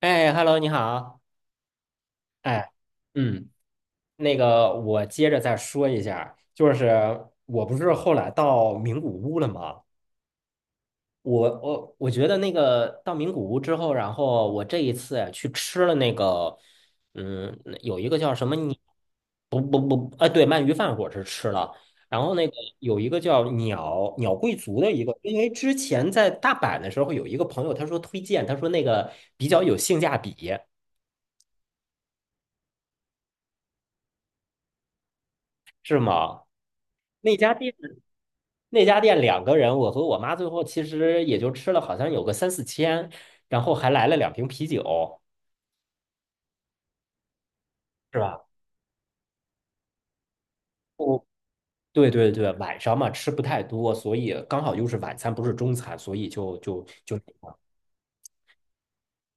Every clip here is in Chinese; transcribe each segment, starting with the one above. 哎，Hello，你好。哎，嗯，那个，我接着再说一下，就是我不是后来到名古屋了吗？我觉得那个到名古屋之后，然后我这一次呀去吃了那个，嗯，有一个叫什么鸟，不不不，啊，对，鳗鱼饭我是吃了，然后那个有一个叫鸟贵族的一个，因为之前在大阪的时候有一个朋友他说推荐，他说那个比较有性价比，是吗？那家店。那家店两个人，我和我妈最后其实也就吃了好像有个三四千，然后还来了两瓶啤酒，是吧？哦，对对对，晚上嘛吃不太多，所以刚好又是晚餐，不是中餐，所以就。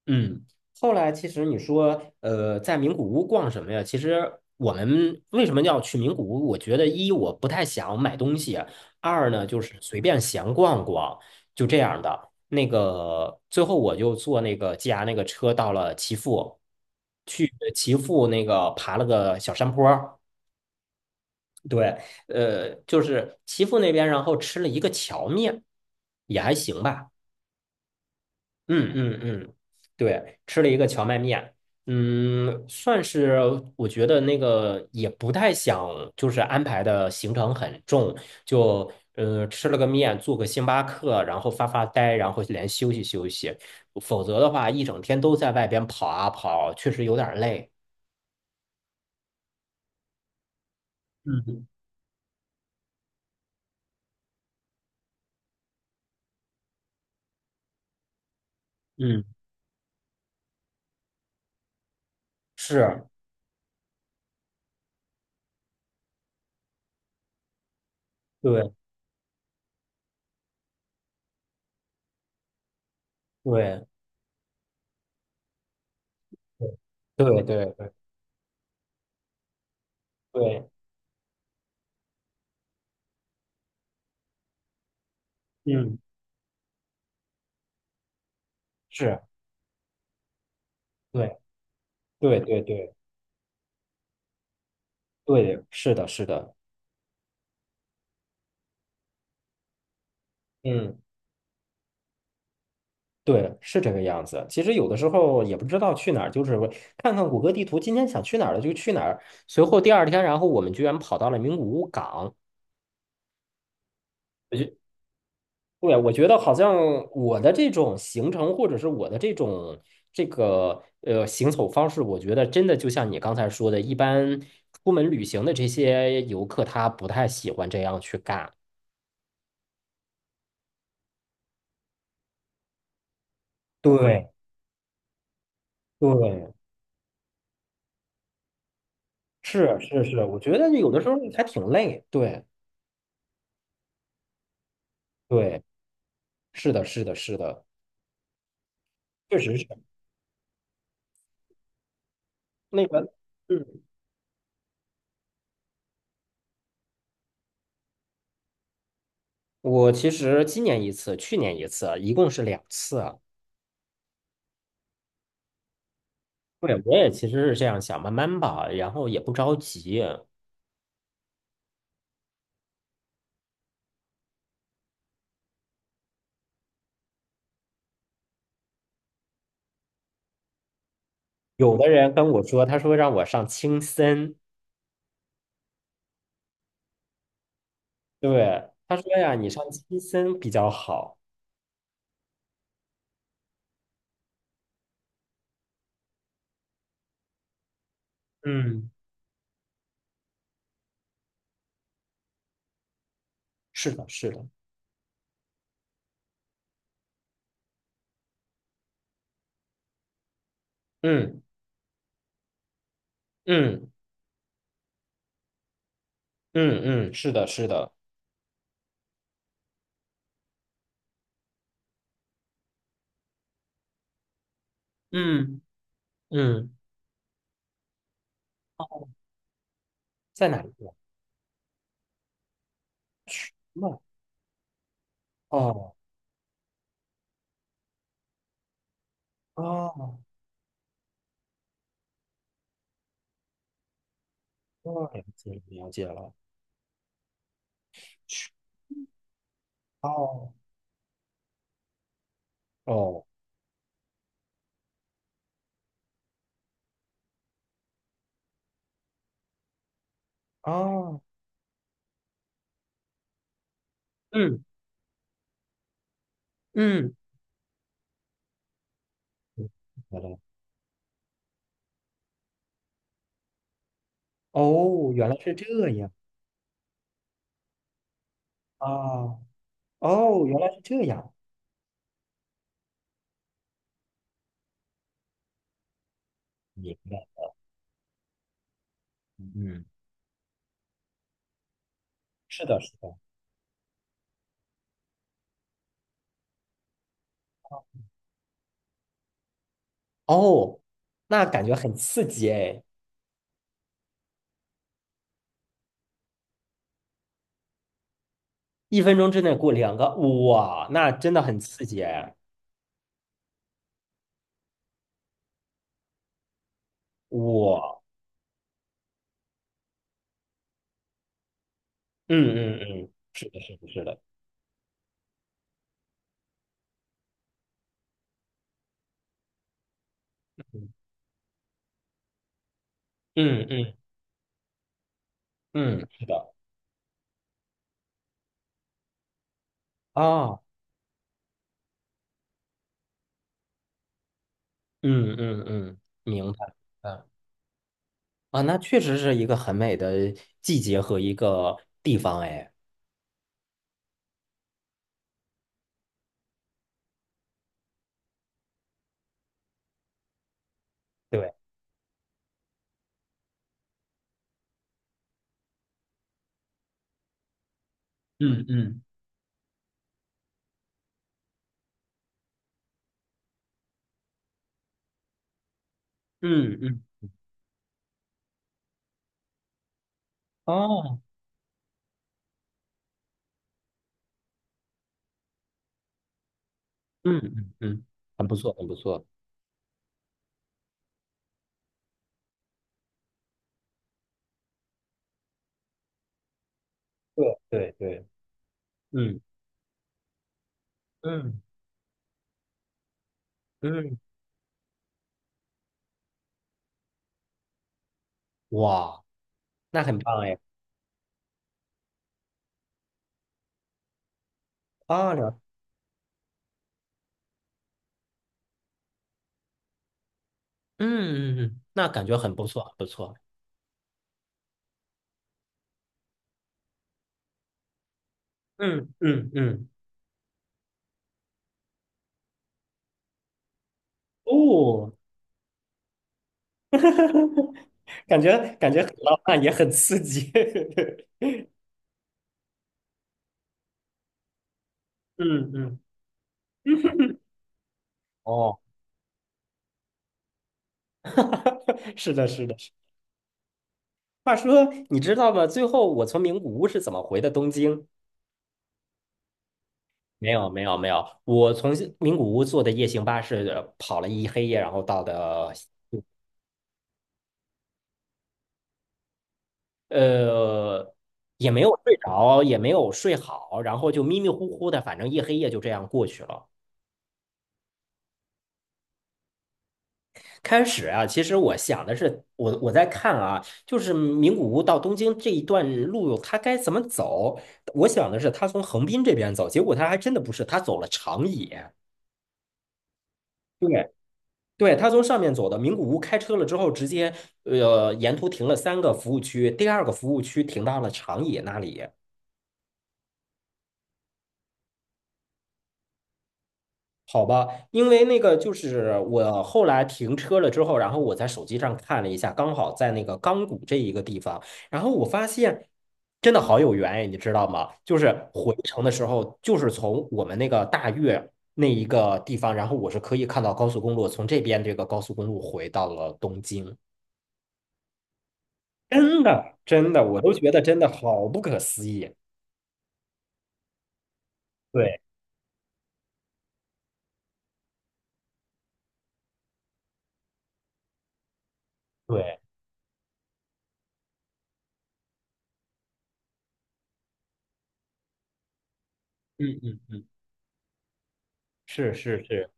嗯，后来其实你说，在名古屋逛什么呀？其实我们为什么要去名古屋？我觉得一我不太想买东西，二呢就是随便闲逛逛，就这样的。那个最后我就坐那个 GR 那个车到了岐阜，去岐阜那个爬了个小山坡儿对，就是岐阜那边，然后吃了一个荞面，也还行吧。嗯嗯嗯，对，吃了一个荞麦面，算是我觉得那个也不太想，就是安排的行程很重，就吃了个面，做个星巴克，然后发发呆，然后连休息休息，否则的话一整天都在外边跑啊跑，确实有点儿累。嗯嗯，是，对对对对对对对，嗯，是，对对对对对，是的，是的，嗯。对，是这个样子。其实有的时候也不知道去哪儿，就是看看谷歌地图，今天想去哪儿了就去哪儿。随后第二天，然后我们居然跑到了名古屋港。我觉，对，我觉得好像我的这种行程或者是我的这种这个行走方式，我觉得真的就像你刚才说的，一般出门旅行的这些游客他不太喜欢这样去干。对对，是是是，我觉得有的时候还挺累。对对，是的，是的，是的。确实是。那个，嗯，我其实今年一次，去年一次啊，一共是两次啊。对，我也其实是这样想，慢慢吧，然后也不着急。有的人跟我说，他说让我上青森，对，他说呀，你上青森比较好。嗯，是的，是的，嗯嗯嗯嗯，是的，是的，嗯嗯，在哪一个？那哦哦哦，了解了解了，哦哦哦，嗯嗯。嗯好的哦，原来是这样啊！哦，原来是这样，明白。嗯，是的，是的。哦，那感觉很刺激哎！一分钟之内过两个，哇，那真的很刺激哎！哇，嗯嗯嗯，是的，是的，是的，嗯嗯嗯，嗯是的啊，嗯嗯嗯，明白。嗯啊，那确实是一个很美的季节和一个地方哎。对，嗯嗯嗯嗯，哦。嗯嗯嗯，很不错，很不错。对对对，嗯嗯嗯，哇，那很棒哎！啊，了，嗯嗯嗯，那感觉很不错，很不错。嗯嗯嗯，哦，感觉感觉很浪漫，也很刺激。嗯嗯，哦，是的，是的。是话说，你知道吗？最后我从名古屋是怎么回的东京？没有，没有，没有。我从名古屋坐的夜行巴士跑了一黑夜，然后到的呃，也没有睡着，也没有睡好，然后就迷迷糊糊的，反正一黑夜就这样过去了。开始啊，其实我想的是，我在看啊，就是名古屋到东京这一段路，它该怎么走？我想的是，他从横滨这边走，结果他还真的不是，他走了长野。对。对，他从上面走的名古屋，开车了之后，直接沿途停了三个服务区，第二个服务区停到了长野那里。好吧，因为那个就是我后来停车了之后，然后我在手机上看了一下，刚好在那个钢谷这一个地方，然后我发现真的好有缘哎，你知道吗？就是回程的时候，就是从我们那个大悦那一个地方，然后我是可以看到高速公路，从这边这个高速公路回到了东京，真的真的，我都觉得真的好不可思议。对对，嗯嗯嗯，是是是，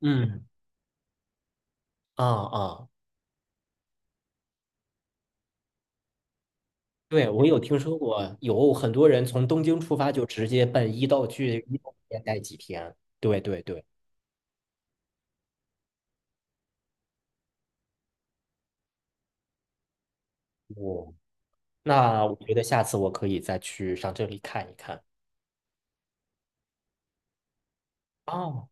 嗯啊啊。对，我有听说过，有很多人从东京出发就直接奔伊豆去，伊豆那边待几天。对对对，哦，那我觉得下次我可以再去上这里看一看。哦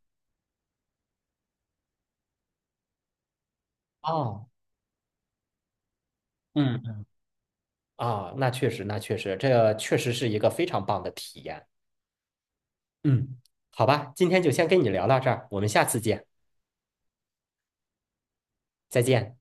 哦，嗯啊，那确实，那确实，这确实是一个非常棒的体验。嗯，好吧，今天就先跟你聊到这儿，我们下次见，再见。